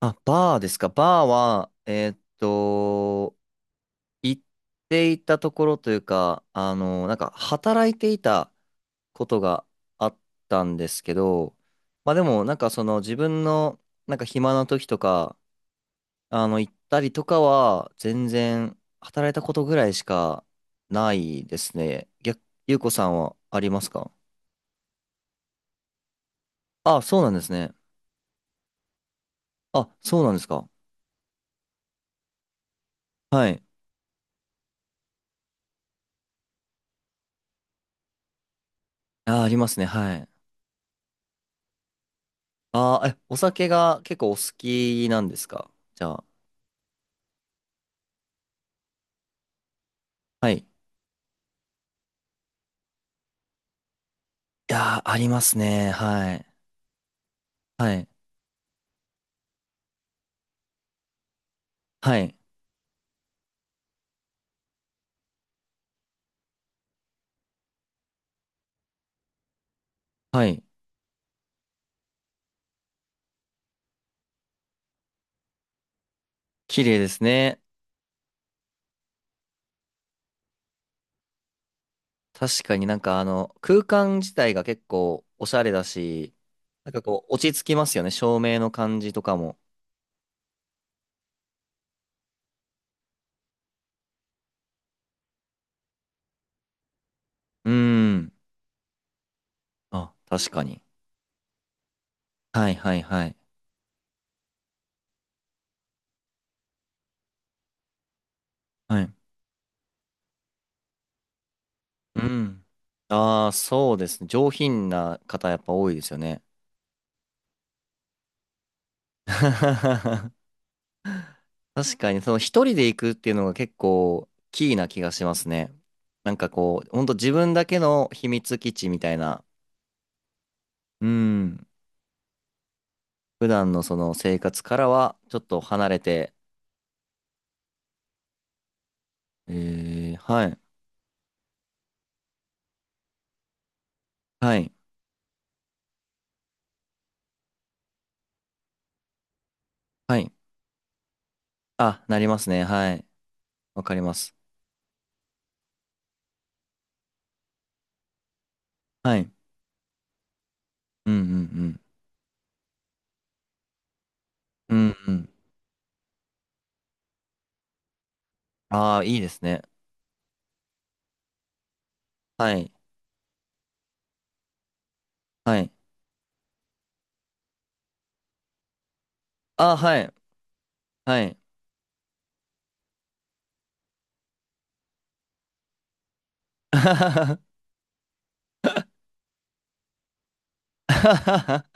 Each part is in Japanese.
あ、バーですか。バーは、行っていたところというか、あの、なんか働いていたことがあったんですけど、まあでも、なんかその自分の、なんか暇な時とか、あの、行ったりとかは、全然働いたことぐらいしかないですね。逆、ゆうこさんはありますか？あ、そうなんですね。あ、そうなんですか。はい。あ、ありますね。はい。ああ、え、お酒が結構お好きなんですか？じゃあ。はい。いやー、ありますね。はい。はい。はい。はい。綺麗ですね。確かになんかあの、空間自体が結構おしゃれだし、なんかこう、落ち着きますよね。照明の感じとかも。うーん。あ、確かに。はいはいはい。はい。うん。ああ、そうですね。上品な方やっぱ多いですよね。確かに、その一人で行くっていうのが結構キーな気がしますね。なんかこう、ほんと自分だけの秘密基地みたいな、うん、普段のその生活からはちょっと離れて、えー、はい、はい、はい。あ、なりますね。はい。わかります。はい。うんうんうん。うんうん。ああ、いいですね。はい、はい。ああ、はい、はい。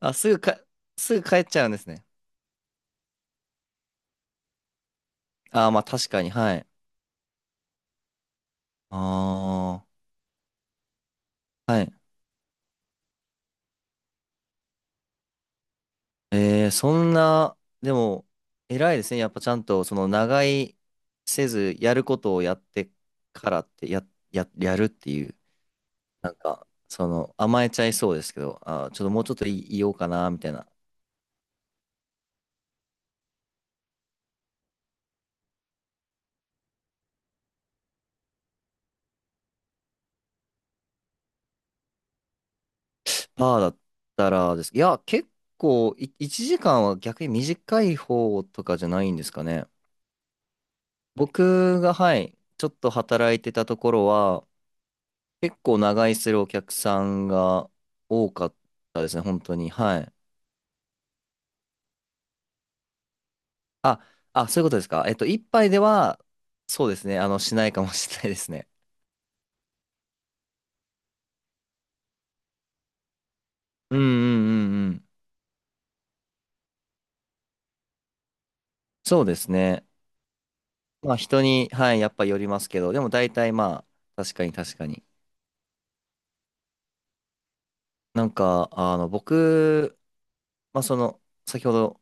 あ、すぐ帰っちゃうんですね。ああ、まあ確かに、はい。ああ、はい。えー、そんな、でも、偉いですね。やっぱちゃんと、その、長居せず、やることをやってからって、やるっていう、なんか、その、甘えちゃいそうですけど、ちょっともうちょっといようかな、みたいな。パーだったらです。いや、結構、1時間は逆に短い方とかじゃないんですかね。僕が、はい、ちょっと働いてたところは、結構長居するお客さんが多かったですね、本当に。はい。あ、あ、そういうことですか。一杯では、そうですね、あの、しないかもしれないですね。うんうんうんうん。そうですね。まあ、人に、はい、やっぱよりますけど、でも大体まあ、確かに確かに。なんか、あの、僕、まあ、その、先ほど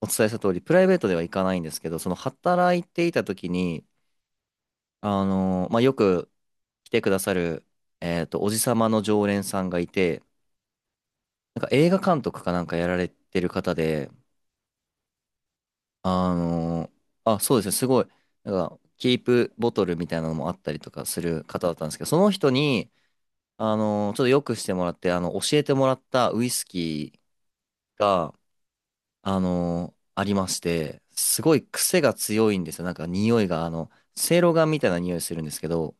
お伝えした通り、プライベートでは行かないんですけど、その、働いていた時に、あの、まあ、よく来てくださる、おじさまの常連さんがいて、なんか映画監督かなんかやられてる方で、あのあ、そうですね、すごい、なんか、キープボトルみたいなのもあったりとかする方だったんですけど、その人に、あのちょっとよくしてもらって、あの、教えてもらったウイスキーが、あのありまして、すごい癖が強いんですよ。なんか匂いが、あの、せいろガンみたいな匂いするんですけど、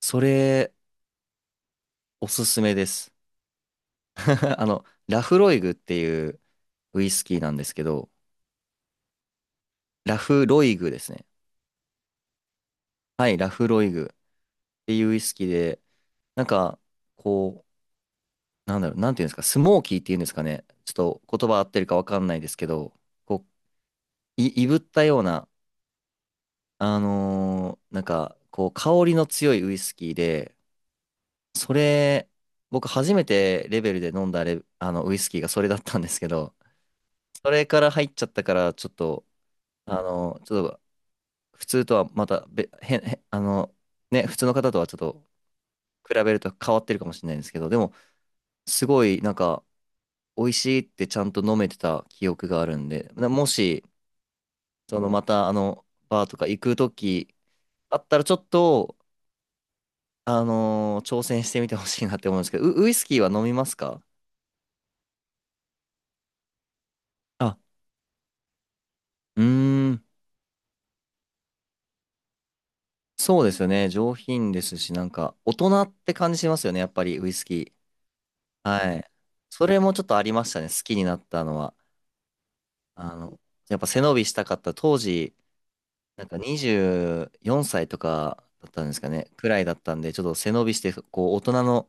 それ、おすすめです。あの、ラフロイグっていうウイスキーなんですけど、ラフロイグですね。はい、ラフロイグ。っていうウイスキーで、なんか、こう、なんだろう、なんていうんですか、スモーキーっていうんですかね。ちょっと言葉合ってるかわかんないですけど、こう、いぶったような、なんか、こう、香りの強いウイスキーで、それ、僕初めてレベルで飲んだレ、あの、ウイスキーがそれだったんですけど、それから入っちゃったから、ちょっと、ちょっと、普通とはまたべ、変、へんあの、ね、普通の方とはちょっと比べると変わってるかもしれないんですけど、でも、すごい、なんか、美味しいってちゃんと飲めてた記憶があるんで、なもし、そのまたあの、バーとか行くときあったらちょっと、挑戦してみてほしいなって思うんですけど、ウイスキーは飲みますか？あ、うーん、そうですよね。上品ですし、なんか、大人って感じしますよね、やっぱりウイスキー。はい。それもちょっとありましたね、好きになったのは。あの、やっぱ背伸びしたかった当時、なんか24歳とかだったんですかね、くらいだったんで、ちょっと背伸びして、こう、大人の、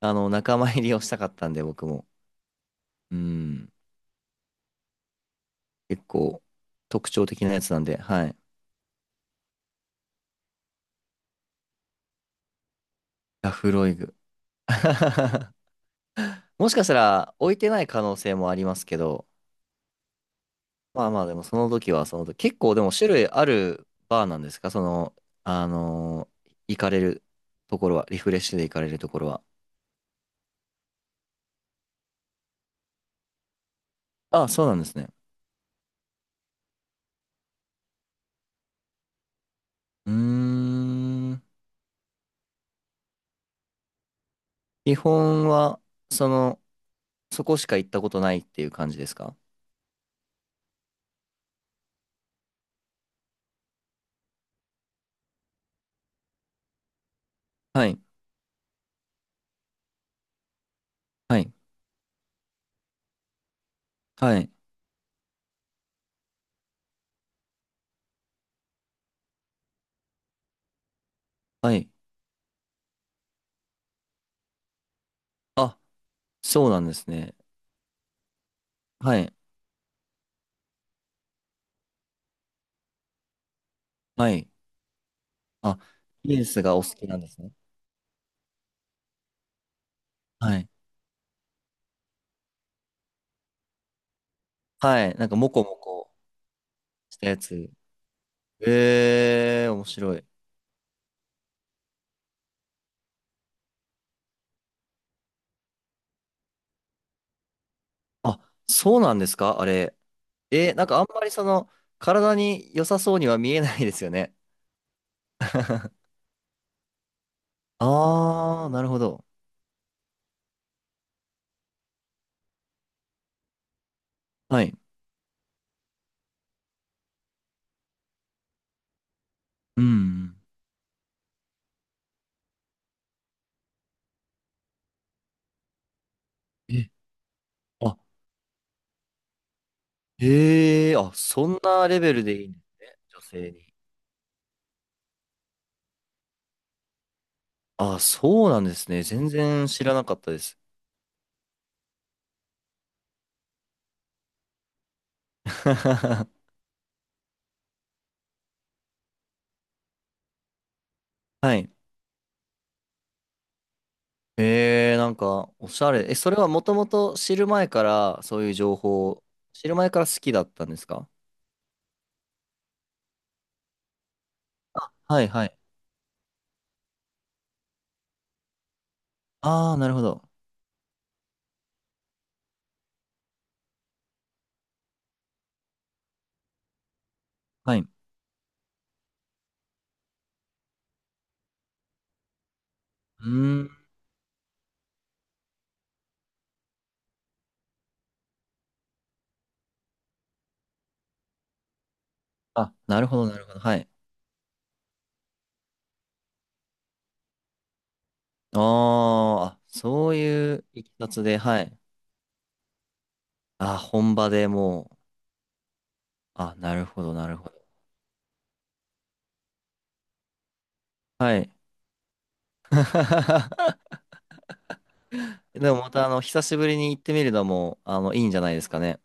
あの、仲間入りをしたかったんで、僕も。うん。結構、特徴的なやつなんで、はい。ラフロイグ。もしかしたら、置いてない可能性もありますけど、まあまあ、でも、その時は、その時、結構、でも、種類あるバーなんですか？その、あのー行かれるところは、リフレッシュで行かれるところは。あ、そうなんですね。うーん。基本は、その、そこしか行ったことないっていう感じですか？はい。はい。はい。はい。あそうなんですね。はい。はい。あ、リンスがお好きなんですね。はい。はい。なんか、もこもこしたやつ。えー、面白い。あ、そうなんですか？あれ。えー、なんかあんまりその、体に良さそうには見えないですよね。あー、なるほど。はい。うん。え、あ、へえ、あ、そんなレベルでいいんですね。女性に。あ、そうなんですね。全然知らなかったです。はい。えー、なんか、おしゃれ。え、それはもともと知る前から、そういう情報を、知る前から好きだったんですか？はいはい。ああ、なるほど。はい。うーん。あ、なるほど、なるほど。はい。あーあ、そういういきさつで、はい。あ、本場でもう、あ、なるほど、なるほど。はい。でもまた、あの、久しぶりに行ってみるのも、あの、いいんじゃないですかね。